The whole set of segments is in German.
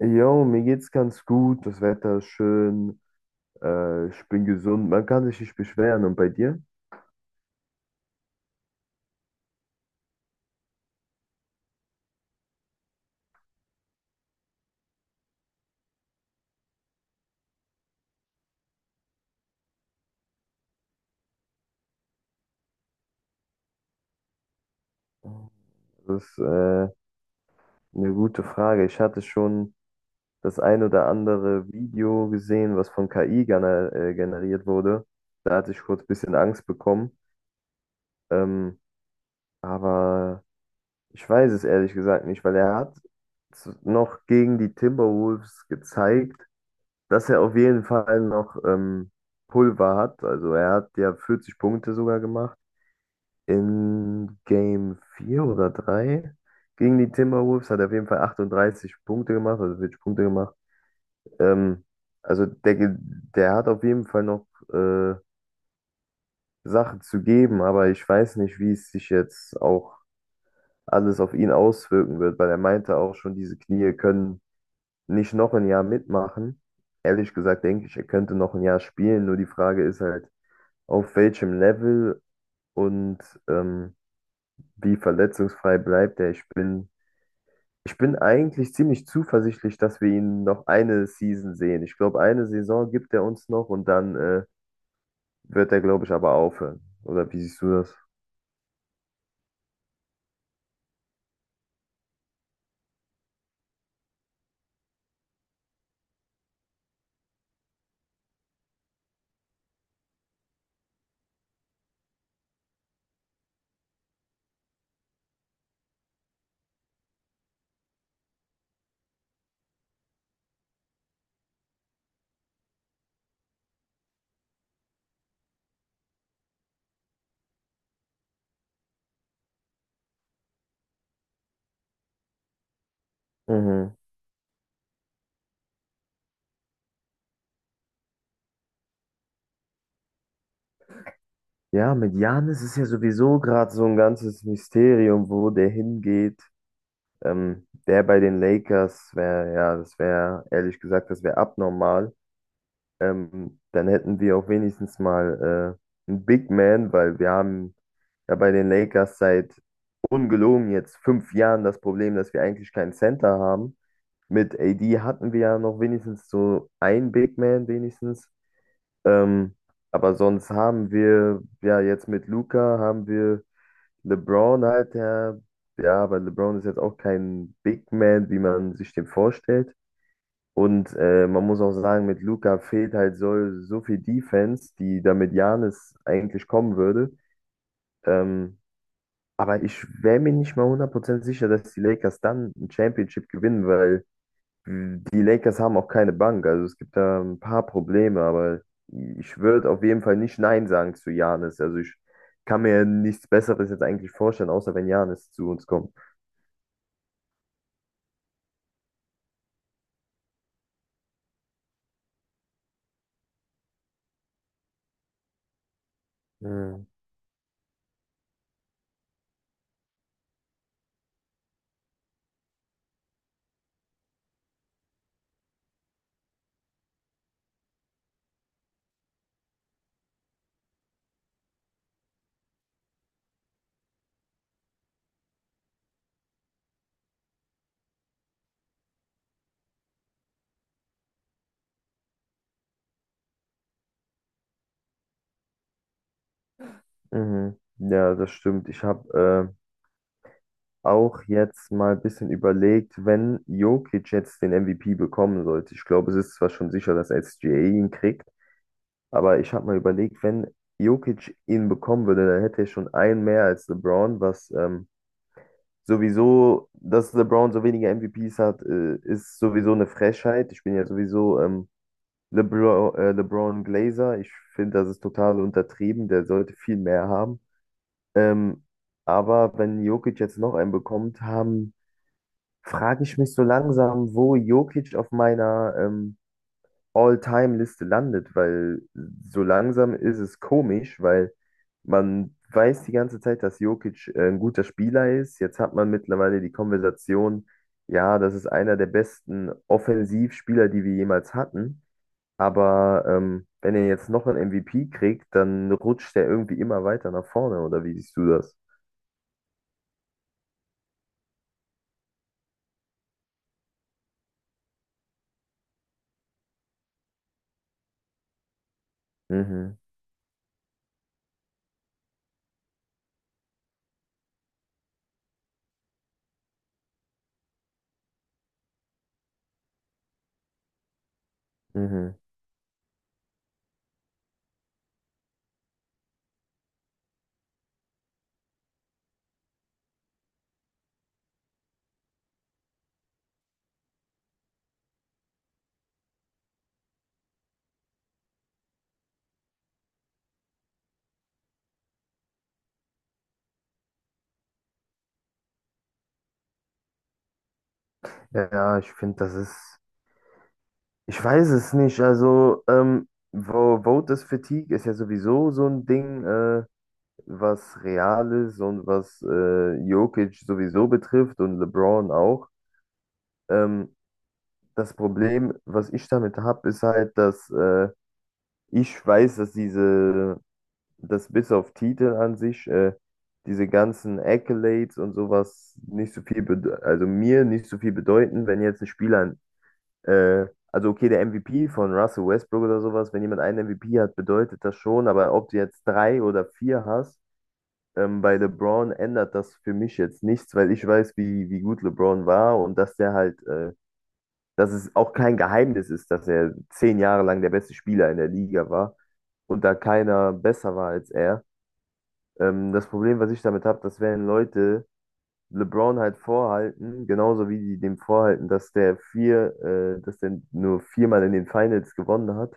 Jo, mir geht's ganz gut, das Wetter ist schön, ich bin gesund, man kann sich nicht beschweren. Und bei dir? Das ist eine gute Frage. Ich hatte schon das ein oder andere Video gesehen, was von KI generiert wurde. Da hatte ich kurz ein bisschen Angst bekommen. Ähm, aber ich weiß es ehrlich gesagt nicht, weil er hat noch gegen die Timberwolves gezeigt, dass er auf jeden Fall noch Pulver hat. Also er hat ja 40 Punkte sogar gemacht. In Game 4 oder 3 gegen die Timberwolves hat er auf jeden Fall 38 Punkte gemacht, also 40 Punkte gemacht. Ähm, also der, ge- Der hat auf jeden Fall noch äh, Sachen zu geben, aber ich weiß nicht, wie es sich jetzt auch alles auf ihn auswirken wird, weil er meinte auch schon, diese Knie können nicht noch ein Jahr mitmachen. Ehrlich gesagt denke ich, er könnte noch ein Jahr spielen, nur die Frage ist halt, auf welchem Level und ähm, wie verletzungsfrei bleibt er. Ich bin eigentlich ziemlich zuversichtlich, dass wir ihn noch eine Season sehen. Ich glaube, eine Saison gibt er uns noch und dann wird er, glaube ich, aber aufhören. Oder wie siehst du das? Mhm. Ja, mit Janis ist ja sowieso gerade so ein ganzes Mysterium, wo der hingeht. Der bei den Lakers wäre, ja, das wäre, ehrlich gesagt, das wäre abnormal. Dann hätten wir auch wenigstens mal einen Big Man, weil wir haben ja bei den Lakers seit ungelogen jetzt 5 Jahren das Problem, dass wir eigentlich keinen Center haben. Mit AD hatten wir ja noch wenigstens so einen Big Man, wenigstens. Ähm, aber sonst haben wir, ja, jetzt mit Luka haben wir LeBron halt, der, ja, aber LeBron ist jetzt auch kein Big Man, wie man sich den vorstellt. Und man muss auch sagen, mit Luka fehlt halt so viel Defense, die da mit Giannis eigentlich kommen würde. Ähm, aber ich wäre mir nicht mal 100% sicher, dass die Lakers dann ein Championship gewinnen, weil die Lakers haben auch keine Bank, also es gibt da ein paar Probleme, aber ich würde auf jeden Fall nicht Nein sagen zu Giannis. Also ich kann mir nichts Besseres jetzt eigentlich vorstellen, außer wenn Giannis zu uns kommt. Mhm. Mhm. Ja, das stimmt. Ich habe auch jetzt mal ein bisschen überlegt, wenn Jokic jetzt den MVP bekommen sollte. Ich glaube, es ist zwar schon sicher, dass SGA ihn kriegt, aber ich habe mal überlegt, wenn Jokic ihn bekommen würde, dann hätte er schon einen mehr als LeBron, was sowieso, dass LeBron so wenige MVPs hat, ist sowieso eine Frechheit. Ich bin ja sowieso LeBron Glazer. Ich finde, das ist total untertrieben. Der sollte viel mehr haben. Ähm, aber wenn Jokic jetzt noch einen bekommt, frage ich mich so langsam, wo Jokic auf meiner All-Time-Liste landet, weil so langsam ist es komisch, weil man weiß die ganze Zeit, dass Jokic ein guter Spieler ist. Jetzt hat man mittlerweile die Konversation, ja, das ist einer der besten Offensivspieler, die wir jemals hatten. Aber wenn er jetzt noch einen MVP kriegt, dann rutscht er irgendwie immer weiter nach vorne, oder wie siehst du das? Mhm, mhm. Ja, ich finde, das ist. Ich weiß es nicht. Also, Voters Fatigue ist ja sowieso so ein Ding, was real ist und was Jokic sowieso betrifft und LeBron auch. Ähm, Das Problem, was ich damit habe, ist halt, dass ich weiß, dass bis auf Titel an sich, diese ganzen Accolades und sowas nicht so also mir nicht so viel bedeuten, wenn jetzt ein Spieler Äh, also okay, der MVP von Russell Westbrook oder sowas, wenn jemand einen MVP hat, bedeutet das schon, aber ob du jetzt drei oder vier hast, bei LeBron ändert das für mich jetzt nichts, weil ich wie gut LeBron war und dass der halt, dass es auch kein Geheimnis ist, dass er 10 Jahre lang der beste Spieler in der Liga war und da keiner besser war als er. Das Problem, was ich damit habe, dass wenn Leute LeBron halt vorhalten, genauso wie die dem vorhalten, dass dass der nur viermal in den Finals gewonnen hat,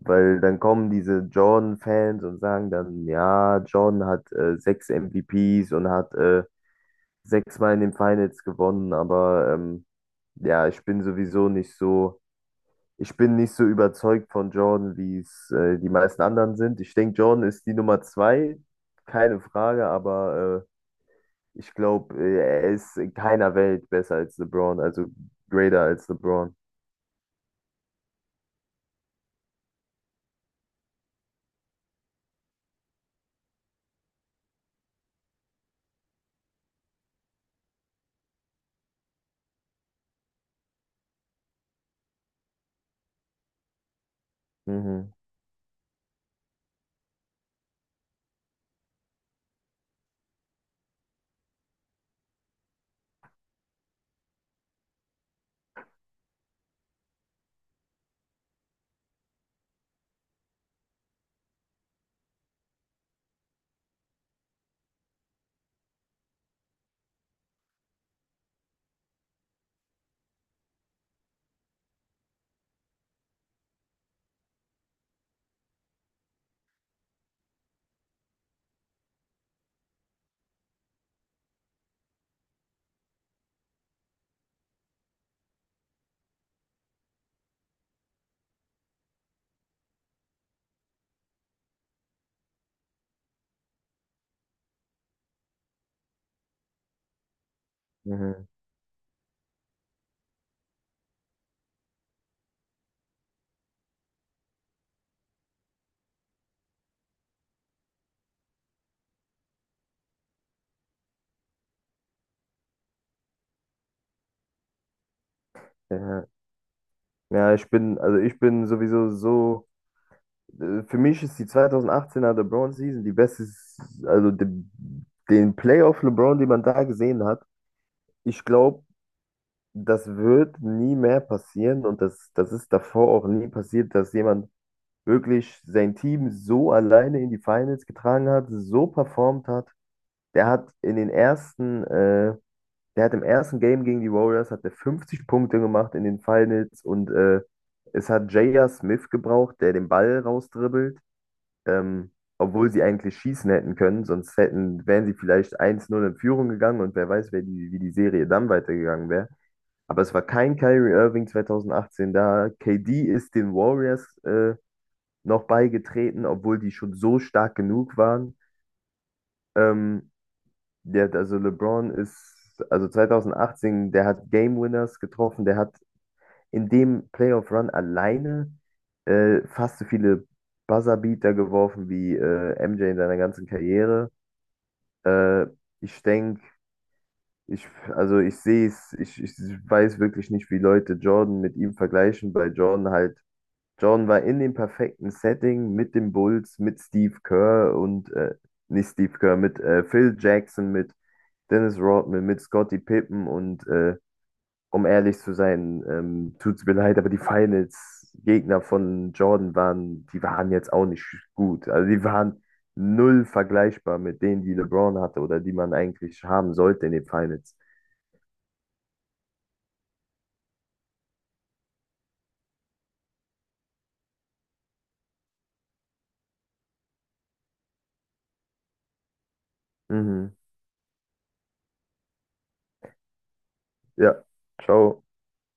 weil dann kommen diese Jordan-Fans und sagen dann, ja, Jordan hat sechs MVPs und hat sechsmal in den Finals gewonnen, aber ja, ich bin nicht so überzeugt von Jordan, wie es die meisten anderen sind. Ich denke, Jordan ist die Nummer zwei, keine Frage, aber ich glaube, er ist in keiner Welt besser als LeBron, also greater als LeBron. Mhm, mhm, ja. Ich bin sowieso so, für mich ist die 2018er LeBron Season die beste, also de, den Playoff LeBron, den man da gesehen hat. Ich glaube, das wird nie mehr passieren und das ist davor auch nie passiert, dass jemand wirklich sein Team so alleine in die Finals getragen hat, so performt hat. Der hat in den ersten äh, Der hat im ersten Game gegen die Warriors hat der 50 Punkte gemacht in den Finals und es hat J.R. Smith gebraucht, der den Ball rausdribbelt, ähm, obwohl sie eigentlich schießen hätten können, sonst hätten, wären sie vielleicht 1-0 in Führung gegangen und wer weiß, wie die Serie dann weitergegangen wäre. Aber es war kein Kyrie Irving 2018 da. KD ist den Warriors noch beigetreten, obwohl die schon so stark genug waren. Ähm, der, hat- also LeBron ist, also 2018, der hat Game Winners getroffen, der hat in dem Playoff Run alleine fast so viele Buzzer-Beater geworfen wie MJ in seiner ganzen Karriere. Äh, ich denke, ich, also ich sehe ich weiß wirklich nicht, wie Leute Jordan mit ihm vergleichen, weil Jordan war in dem perfekten Setting mit den Bulls, mit Steve Kerr und nicht Steve Kerr, mit Phil Jackson, mit Dennis Rodman, mit Scottie Pippen und um ehrlich zu sein, tut's mir leid, aber die Finals-Gegner von Jordan waren, die waren jetzt auch nicht gut. Also die waren null vergleichbar mit denen, die LeBron hatte oder die man eigentlich haben sollte in den Finals. Mhm. Ja, ciao.